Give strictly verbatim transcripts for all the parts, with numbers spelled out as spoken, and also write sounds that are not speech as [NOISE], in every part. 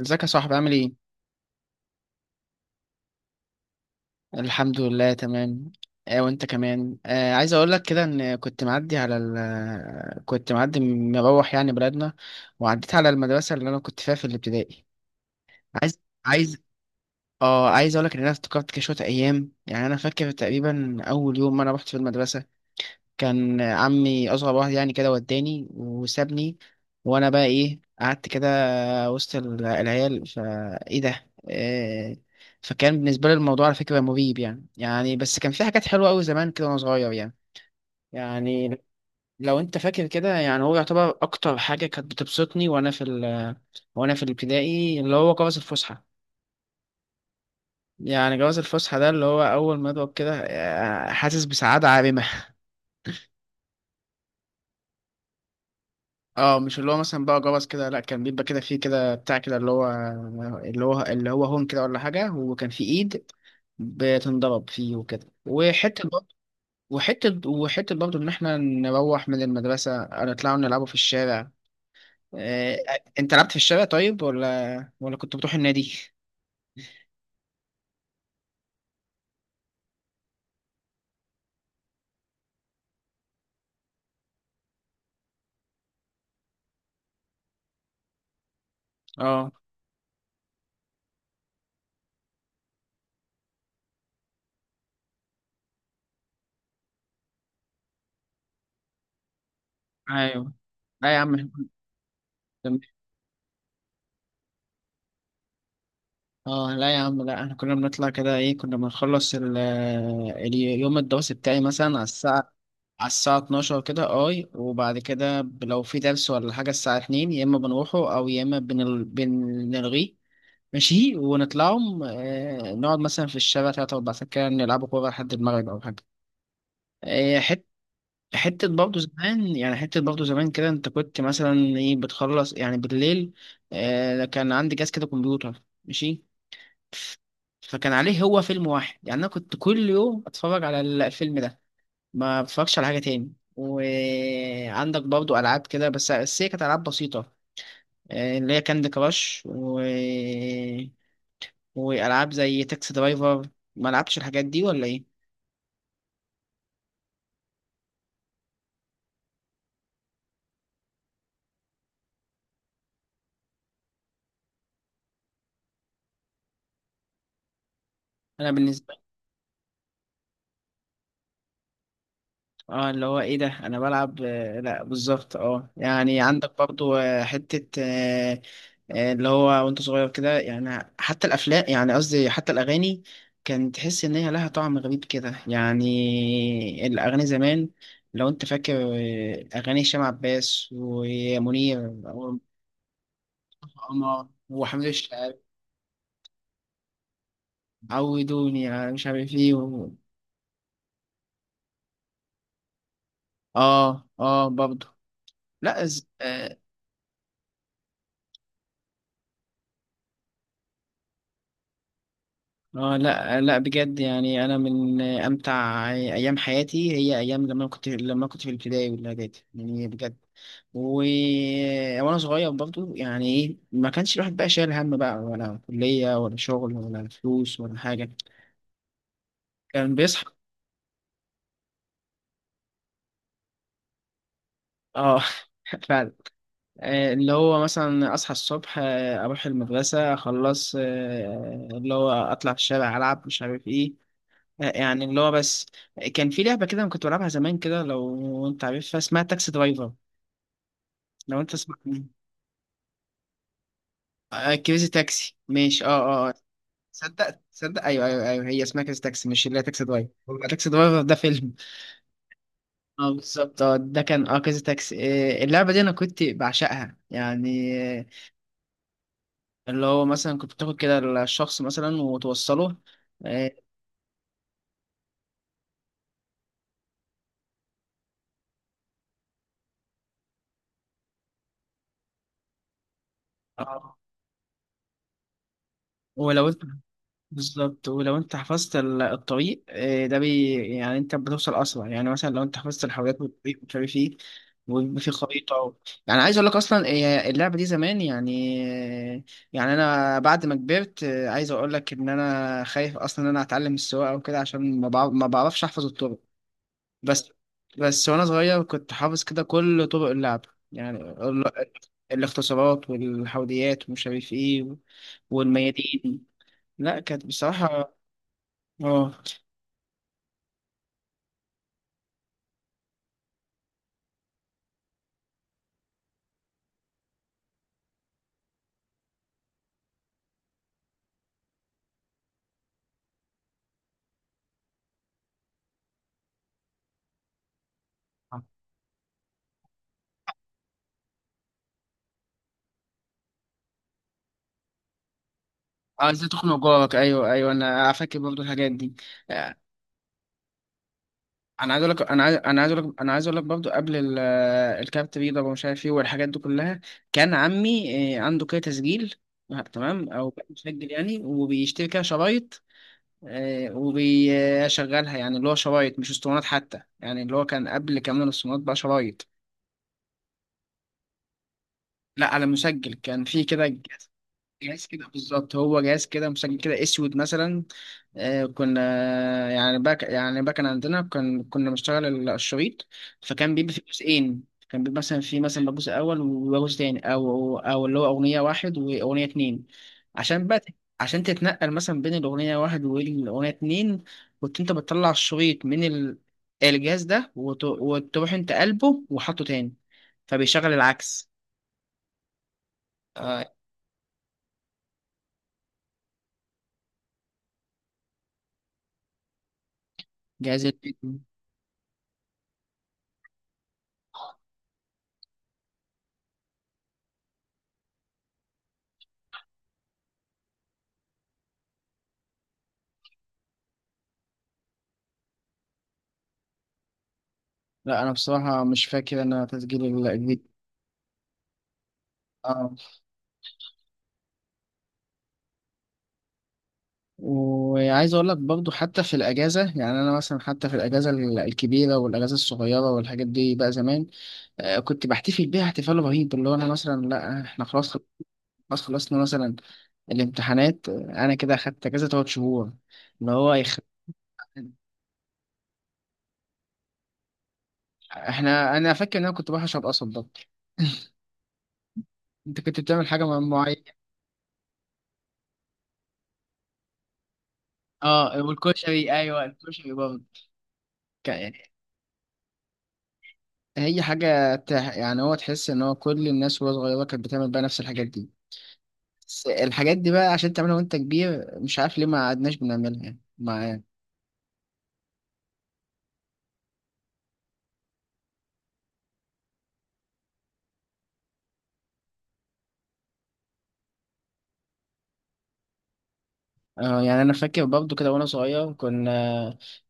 ازيك يا صاحبي؟ عامل ايه؟ الحمد لله تمام. آه وانت كمان. آه عايز اقول لك كده ان كنت معدي على ال آه، كنت معدي مروح يعني بلدنا، وعديت على المدرسة اللي انا كنت فيها في الابتدائي. عايز عايز اه عايز اقول لك ان انا افتكرت كده شوية ايام. يعني انا فاكر تقريبا اول يوم ما انا رحت في المدرسة، كان عمي اصغر واحد يعني، كده وداني وسابني وانا بقى ايه قعدت كده وسط ال- العيال. فايه ده؟ آه، فكان بالنسبه لي الموضوع على فكره مريب يعني. يعني بس كان في حاجات حلوه قوي زمان كده وانا صغير يعني. يعني لو انت فاكر كده، يعني هو يعتبر اكتر حاجه كانت بتبسطني وانا في ال وانا في الابتدائي اللي هو جواز الفسحه. يعني جواز الفسحه ده اللي هو اول ما اضرب كده، آه، حاسس بسعاده عارمه. اه مش اللي هو مثلا بقى جرس كده، لا كان بيبقى كده، فيه كده بتاع كده اللي هو اللي هو اللي هو هون كده ولا حاجة، وكان في ايد بتنضرب فيه وكده. وحتة برضه وحتة وحتة برضه إن إحنا نروح من المدرسة نطلع نلعبوا في الشارع. إيه، أنت لعبت في الشارع طيب ولا ولا كنت بتروح النادي؟ أه، أيوه. لا يا عم، إحنا كنا- اه لا يا عم، لا احنا كنا بنطلع كده. ايه، كنا بنخلص ال- اليوم الدراسي بتاعي مثلا على الساعة على الساعة اتناشر كده. اي، وبعد كده، ب- لو في درس ولا حاجة الساعة الثانية، يا اما بنروحه او يا اما بنل... بنلغيه. ماشي، ونطلعهم، آه، نقعد مثلا في الشارع تلات أربع ساعات كده، نلعبوا كورة لحد المغرب أو حاجة. آه، حت... حتة برضه زمان يعني، حتة برضه زمان كده. أنت كنت مثلا إيه بتخلص يعني بالليل؟ آه، كان عندي جهاز كده كمبيوتر ماشي، فكان عليه هو فيلم واحد. يعني أنا كنت كل يوم أتفرج على الفيلم ده، ما بتفرجش على حاجة تاني. وعندك برضو ألعاب كده، بس بس هي كانت ألعاب بسيطة. آه، اللي هي كاندي كراش و... وألعاب زي تاكسي درايفر. ما لعبتش الحاجات دي ولا إيه؟ أنا بالنسبة، اه اللي هو ايه ده انا بلعب، آه، لا بالظبط. اه يعني عندك برضو، آه، حتة آه، آه، اللي هو وانت صغير كده، يعني حتى الافلام، يعني قصدي حتى الاغاني، كان تحس ان هي لها طعم غريب كده، يعني الاغاني زمان. لو انت فاكر، آه، اغاني هشام عباس ومنير وعمر وحميد الشاعري، عودوني على مش عارف ايه و... اه. اه برضو. لا. اه لا لا، بجد يعني انا من امتع ايام حياتي هي ايام لما كنت، لما كنت في الابتدائي والاعدادي، يعني بجد. و... وانا صغير برضو. يعني ايه، ما كانش الواحد بقى شايل هم بقى ولا كلية ولا شغل ولا فلوس ولا حاجة. كان بيصحى. اه. [LAUGHS] فعلا. آه، اللي هو مثلا اصحى الصبح، آه، اروح المدرسة اخلص، آه، اللي هو اطلع في الشارع العب مش عارف ايه. يعني اللي هو بس، كان في لعبة كده أنا كنت بلعبها زمان كده، لو أنت عارفها اسمها تاكسي درايفر، لو أنت سمعت عنها. آه كريزي تاكسي، ماشي. أه أه آه. صدق صدق أيوه، أيوه أيوه هي اسمها كريزي تاكسي، مش اللي هي تاكسي درايفر. هو تاكسي درايفر ده فيلم. أه بالظبط، أه ده كان أه كريزي تاكسي. آه، اللعبة دي أنا كنت بعشقها يعني. آه، اللي هو مثلا كنت بتاخد كده الشخص مثلا وتوصله. أه. آه، ولو انت بالظبط، ولو انت حفظت ال- الطريق، آه، ده بي يعني انت بتوصل اسرع. يعني مثلا لو انت حفظت الحاويات والطريق مش عارف ايه، ويبقى في خريطه و... يعني. عايز اقول لك اصلا، آه، اللعبه دي زمان يعني. آه، يعني انا بعد ما كبرت، آه، عايز اقول لك ان انا خايف اصلا ان انا اتعلم السواقه وكده، عشان ما بعرف ما بعرفش احفظ الطرق. بس بس وانا صغير كنت حافظ كده كل طرق اللعب. يعني ال- الاختصارات والحوديات ومش عارف ايه والميادين. لا كانت بصراحة، اه. عايز تخنق جارك، ايوه ايوه انا فاكر برضو الحاجات دي. آه، انا عايز اقول لك انا عايز انا عايز اقول لك، انا عايز اقول لك برضو قبل ال- آه، الكارت بيضاء ومش عارف ايه والحاجات دي كلها. كان عمي، آه، عنده كده تسجيل، آه، تمام، او كان مسجل يعني، وبيشتري كده شرايط، آه، وبيشغلها. يعني اللي هو شرايط مش اسطوانات حتى، يعني اللي هو كان قبل كمان الاسطوانات بقى شرايط. لا على مسجل، كان في كده جهاز كده بالظبط. هو جهاز كده مسجل كده اسود مثلا. آه كنا، يعني باك يعني باك أنا عندنا كان كنا بنشتغل ال- الشريط. فكان بيبقى في جزئين، كان بيبقى مثلا في مثلا جزء اول وجزء تاني، او او اللي هو اغنيه واحد واغنيه اتنين. عشان بقى عشان تتنقل مثلا بين الاغنيه واحد والاغنيه اتنين، كنت انت بتطلع الشريط من ال- الجهاز ده، وت- وتروح انت قلبه وحطه تاني، فبيشغل العكس. آه، جهاز الفيديو. لا انا بصراحه مش فاكر انا تسجيل الجديد. اه. وعايز اقول لك برضو حتى في الاجازه، يعني انا مثلا حتى في الاجازه ال- الكبيره والاجازه الصغيره والحاجات دي بقى زمان، آه، كنت بحتفل بيها احتفال رهيب. اللي هو انا مثلا، لا احنا خلاص، خل- خلاص خلصنا مثلا الامتحانات، آه، انا كده اخدت اجازه تلات شهور، اللي هو يخ... احنا، انا فاكر ان انا كنت بحشر قصب ده. انت كنت بتعمل حاجه مع- معينه. اه، والكشري، ايوه الكشري برضه. هي حاجة تح... يعني هو تحس إن هو كل الناس وهي صغيرة كانت بتعمل بقى نفس الحاجات دي. بس الحاجات دي بقى عشان تعملها وأنت كبير، مش عارف ليه ما قعدناش بنعملها يعني مع. آه يعني أنا فاكر برضه كده وأنا صغير كنا،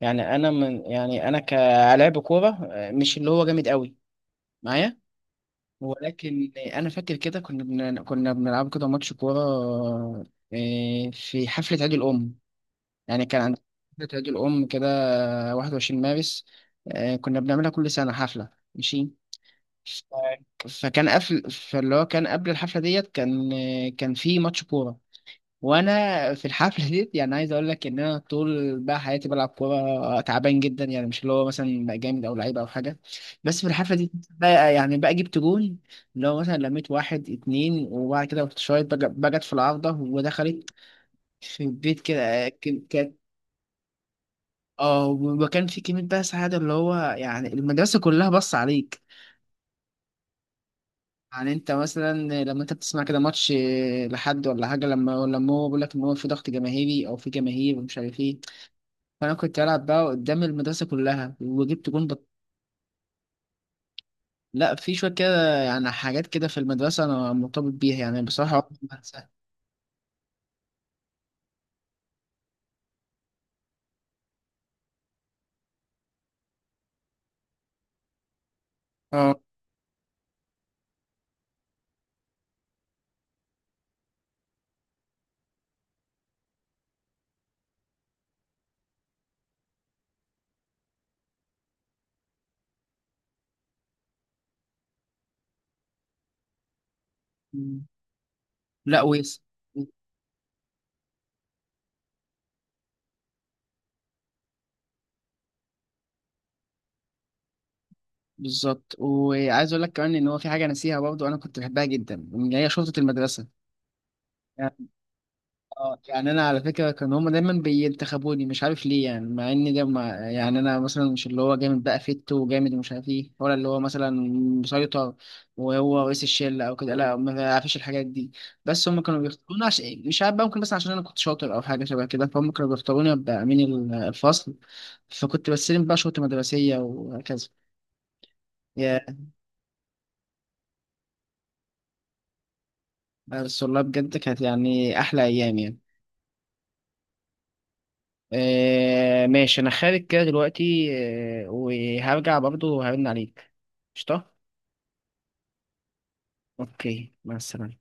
يعني أنا من، يعني أنا كلاعب كورة، آه، مش اللي هو جامد قوي معايا، ولكن أنا فاكر كده كنا بن... كنا بنلعب كده ماتش كورة، آه، في حفلة عيد الأم. يعني كان عندنا حفلة عيد الأم كده واحد وعشرين مارس، آه، كنا بنعملها كل سنة حفلة، ماشي. ف- فكان قبل، فاللي هو كان قبل الحفلة ديت، كان آه، كان في ماتش كورة. وأنا في الحفلة ديت يعني عايز أقول لك إن أنا طول بقى حياتي بلعب كورة تعبان جدا، يعني مش اللي هو مثلا بقى جامد أو لعيب أو حاجة. بس في الحفلة دي بقى يعني بقى جبت جون. اللي هو مثلا لميت واحد اتنين، وبعد كده رحت شايط بقى- بقت في العارضة ودخلت في البيت كده. آه، ك- كانت، اه وكان في كلمة بقى سعادة، اللي هو يعني المدرسة كلها بص عليك. يعني انت مثلا لما انت بتسمع كده ماتش لحد ولا حاجة، لما لما هو بيقول لك ان هو في ضغط جماهيري او في جماهير ومش عارف ايه. فانا كنت بلعب بقى قدام المدرسة كلها وجبت جون بط... لا، في شوية كده يعني حاجات كده في المدرسة انا مرتبط بيها يعني، بصراحة عمري ما هنساها. اه لا ويس. بالظبط، وعايز اقول لك كمان ان هو في حاجة ناسيها برضه انا كنت بحبها جدا اللي هي شرطة المدرسة. اه يعني انا على فكره كان هما دايما بينتخبوني مش عارف ليه، يعني مع ان ده ما يعني انا مثلا مش اللي هو جامد بقى فت وجامد ومش عارف ايه، ولا اللي هو مثلا مسيطر وهو رئيس الشله او كده، لا ما بعرفش الحاجات دي. بس هما كانوا بيختاروني عشان مش عارف بقى، ممكن بس عشان انا كنت شاطر او حاجه شبه كده، فهم كانوا بيختاروني ابقى امين ال- الفصل، فكنت بستلم بقى شرطه مدرسيه وهكذا. يا، بس والله بجد كانت يعني احلى ايام يعني. آه ماشي، انا خارج كده دلوقتي، آه وهرجع برضه وهرن عليك. قشطة، اوكي، مع السلامة.